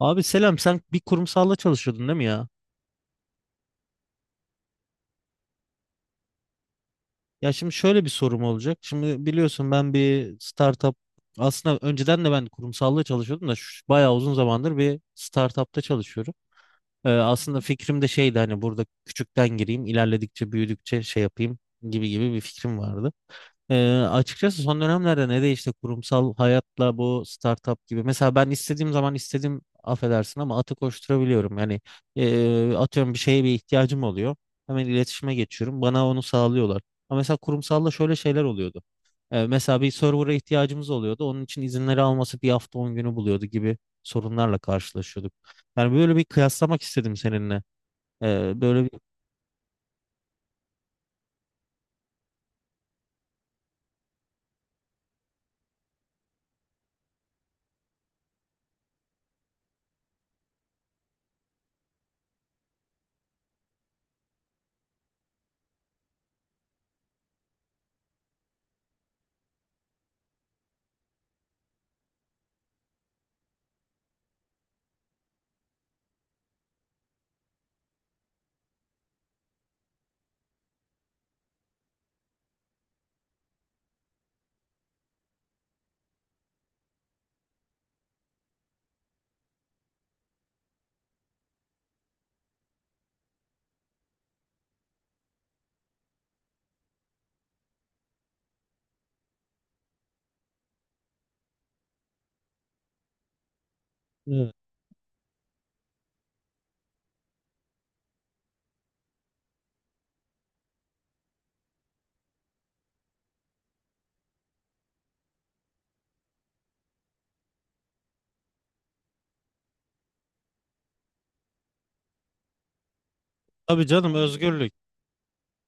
Abi selam, sen bir kurumsalla çalışıyordun, değil mi ya? Ya şimdi şöyle bir sorum olacak. Şimdi biliyorsun, ben bir startup, aslında önceden de ben kurumsalla çalışıyordum da bayağı uzun zamandır bir startupta çalışıyorum. Aslında fikrim de şeydi, hani burada küçükten gireyim, ilerledikçe büyüdükçe şey yapayım gibi gibi bir fikrim vardı. Açıkçası son dönemlerde ne değişti kurumsal hayatla bu startup gibi. Mesela ben istediğim zaman istediğim, affedersin, ama atı koşturabiliyorum. Yani atıyorum, bir şeye bir ihtiyacım oluyor. Hemen iletişime geçiyorum. Bana onu sağlıyorlar. Ama mesela kurumsalla şöyle şeyler oluyordu. Mesela bir server'a ihtiyacımız oluyordu. Onun için izinleri alması bir hafta 10 günü buluyordu gibi sorunlarla karşılaşıyorduk. Yani böyle bir kıyaslamak istedim seninle. Ee, böyle bir... Evet. Tabii canım, özgürlük.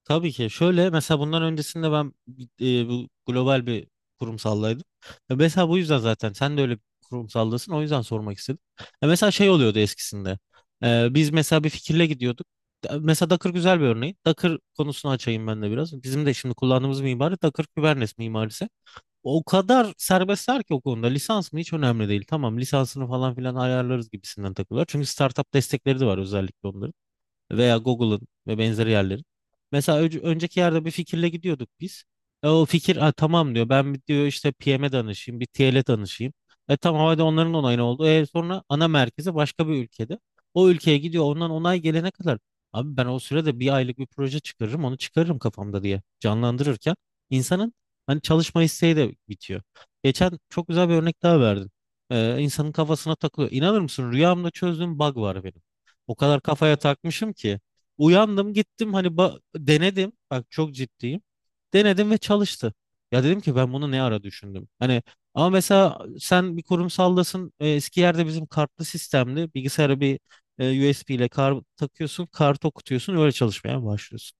Tabii ki. Şöyle, mesela bundan öncesinde ben bu global bir kurumsallaydım. Ya mesela bu yüzden zaten sen de öyle bir kurumsaldasın. O yüzden sormak istedim. Ya mesela şey oluyordu eskisinde. Biz mesela bir fikirle gidiyorduk. Mesela Docker güzel bir örneği. Docker konusunu açayım ben de biraz. Bizim de şimdi kullandığımız mimari Docker Kubernetes mimarisi. O kadar serbestler ki o konuda. Lisans mı, hiç önemli değil. Tamam, lisansını falan filan ayarlarız gibisinden takılıyor. Çünkü startup destekleri de var, özellikle onların veya Google'ın ve benzeri yerlerin. Mesela önceki yerde bir fikirle gidiyorduk biz. O fikir, "Ha, tamam," diyor. "Ben, bir diyor, işte PM'e danışayım, bir TL'e danışayım." Tamam, hadi onların onayını oldu. Sonra ana merkezi başka bir ülkede. O ülkeye gidiyor. Ondan onay gelene kadar, abi, ben o sürede bir aylık bir proje çıkarırım, onu çıkarırım kafamda diye canlandırırken insanın hani çalışma isteği de bitiyor. Geçen çok güzel bir örnek daha verdin. E, insanın kafasına takılıyor. İnanır mısın, rüyamda çözdüğüm bug var benim. O kadar kafaya takmışım ki. Uyandım, gittim hani denedim. Bak, çok ciddiyim. Denedim ve çalıştı. Ya, dedim ki, ben bunu ne ara düşündüm. Hani ama mesela sen bir kurumsaldasın. Eski yerde bizim kartlı sistemli bilgisayara bir USB ile kar takıyorsun. Kart okutuyorsun. Öyle çalışmaya başlıyorsun.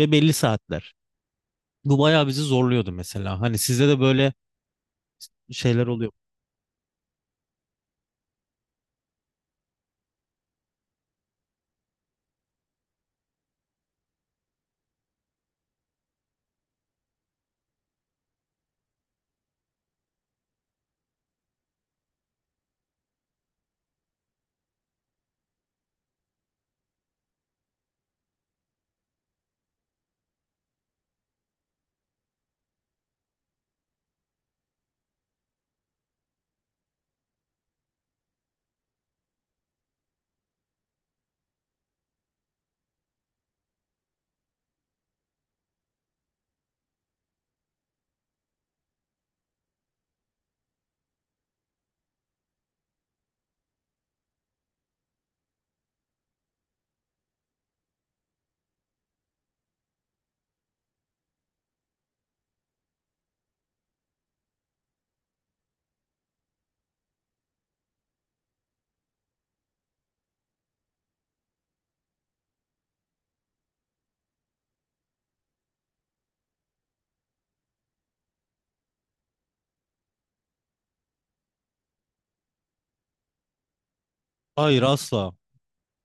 Ve belli saatler. Bu bayağı bizi zorluyordu mesela. Hani sizde de böyle şeyler oluyor. Hayır, asla.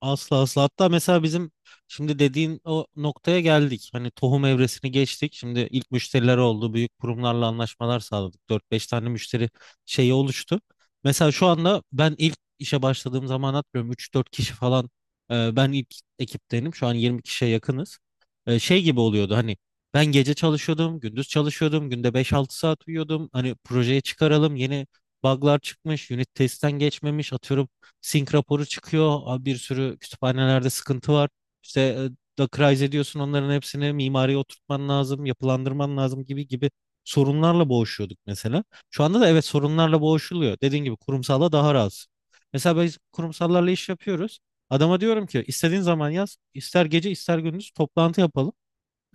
Asla asla. Hatta mesela bizim şimdi dediğin o noktaya geldik. Hani tohum evresini geçtik. Şimdi ilk müşteriler oldu. Büyük kurumlarla anlaşmalar sağladık. Dört beş tane müşteri şeyi oluştu. Mesela şu anda, ben ilk işe başladığım zaman hatırlıyorum, üç dört kişi falan ben ilk ekiptenim. Şu an 20 kişiye yakınız. Şey gibi oluyordu, hani ben gece çalışıyordum, gündüz çalışıyordum, günde 5-6 saat uyuyordum. Hani projeye çıkaralım, yeni bug'lar çıkmış, unit testten geçmemiş, atıyorum Sync raporu çıkıyor. Abi, bir sürü kütüphanelerde sıkıntı var. İşte Dockerize ediyorsun onların hepsini, mimariye oturtman lazım, yapılandırman lazım gibi gibi sorunlarla boğuşuyorduk mesela. Şu anda da evet, sorunlarla boğuşuluyor. Dediğin gibi kurumsalla daha rahatsın. Mesela biz kurumsallarla iş yapıyoruz. Adama diyorum ki, istediğin zaman yaz, ister gece ister gündüz toplantı yapalım.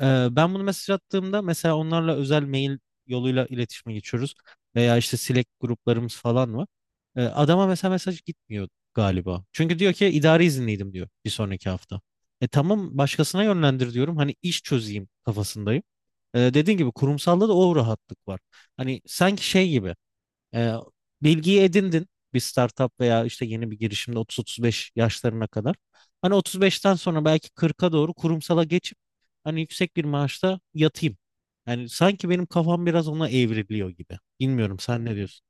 Ben bunu mesaj attığımda mesela onlarla özel mail yoluyla iletişime geçiyoruz. Veya işte Slack gruplarımız falan var. Adama mesela mesaj gitmiyor galiba. Çünkü diyor ki, idari izinliydim, diyor, bir sonraki hafta. E tamam, başkasına yönlendir diyorum. Hani iş çözeyim kafasındayım. Dediğin gibi kurumsalda da o rahatlık var. Hani sanki şey gibi. Ee, bilgiyi edindin bir startup veya işte yeni bir girişimde 30-35 yaşlarına kadar. Hani 35'ten sonra belki 40'a doğru kurumsala geçip hani yüksek bir maaşta yatayım. Yani sanki benim kafam biraz ona evriliyor gibi. Bilmiyorum, sen ne diyorsun?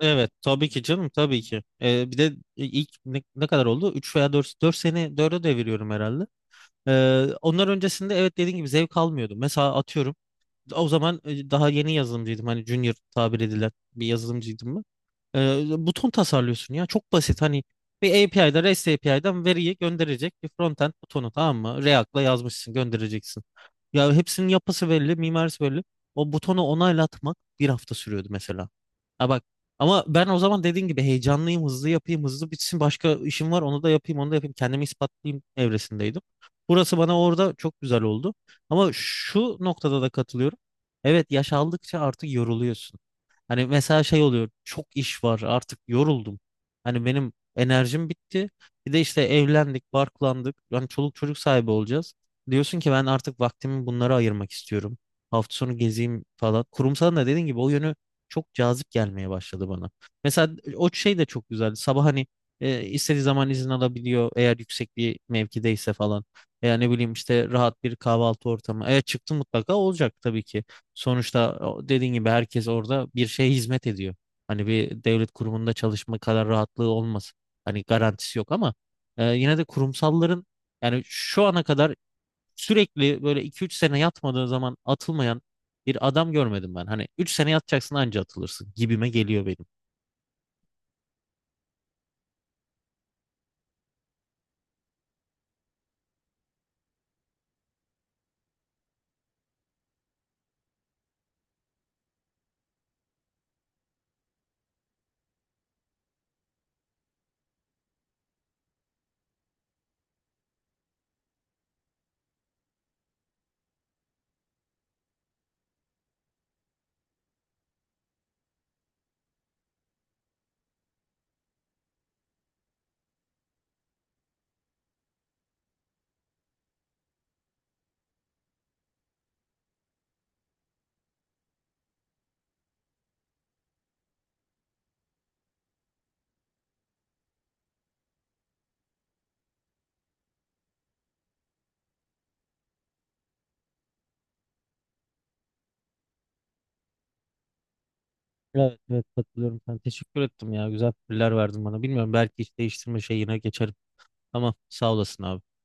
Evet tabii ki canım tabii ki. Bir de ilk, ne kadar oldu? Üç veya dört sene, 4'e deviriyorum herhalde. Onlar öncesinde, evet, dediğin gibi zevk almıyordum. Mesela atıyorum o zaman daha yeni yazılımcıydım. Hani junior tabir edilen bir yazılımcıydım. Buton tasarlıyorsun ya. Çok basit, hani bir API'da REST API'den veriyi gönderecek bir frontend butonu, tamam mı? React'la yazmışsın, göndereceksin. Ya hepsinin yapısı belli, mimarisi belli. O butonu onaylatmak bir hafta sürüyordu mesela. Ha bak, ama ben o zaman dediğin gibi heyecanlıyım, hızlı yapayım, hızlı bitsin. Başka işim var, onu da yapayım, onu da yapayım. Kendimi ispatlayayım evresindeydim. Burası bana orada çok güzel oldu. Ama şu noktada da katılıyorum. Evet, yaş aldıkça artık yoruluyorsun. Hani mesela şey oluyor, çok iş var, artık yoruldum. Hani benim enerjim bitti. Bir de işte evlendik, barklandık. Yani çoluk çocuk sahibi olacağız. Diyorsun ki ben artık vaktimi bunlara ayırmak istiyorum. Hafta sonu gezeyim falan. Kurumsal da dediğin gibi o yönü çok cazip gelmeye başladı bana. Mesela o şey de çok güzeldi. Sabah hani istediği zaman izin alabiliyor, eğer yüksek bir mevkideyse falan. Veya ne bileyim, işte rahat bir kahvaltı ortamı. Eğer çıktı mutlaka olacak tabii ki. Sonuçta dediğin gibi herkes orada bir şeye hizmet ediyor. Hani bir devlet kurumunda çalışma kadar rahatlığı olmaz. Hani garantisi yok ama yine de kurumsalların, yani şu ana kadar sürekli böyle 2-3 sene yatmadığı zaman atılmayan bir adam görmedim ben. Hani 3 sene yatacaksın, anca atılırsın gibime geliyor benim. Evet evet, katılıyorum. Ben teşekkür ettim ya. Güzel fikirler verdin bana. Bilmiyorum, belki iş değiştirme şeyine geçerim. Tamam, sağ olasın abi.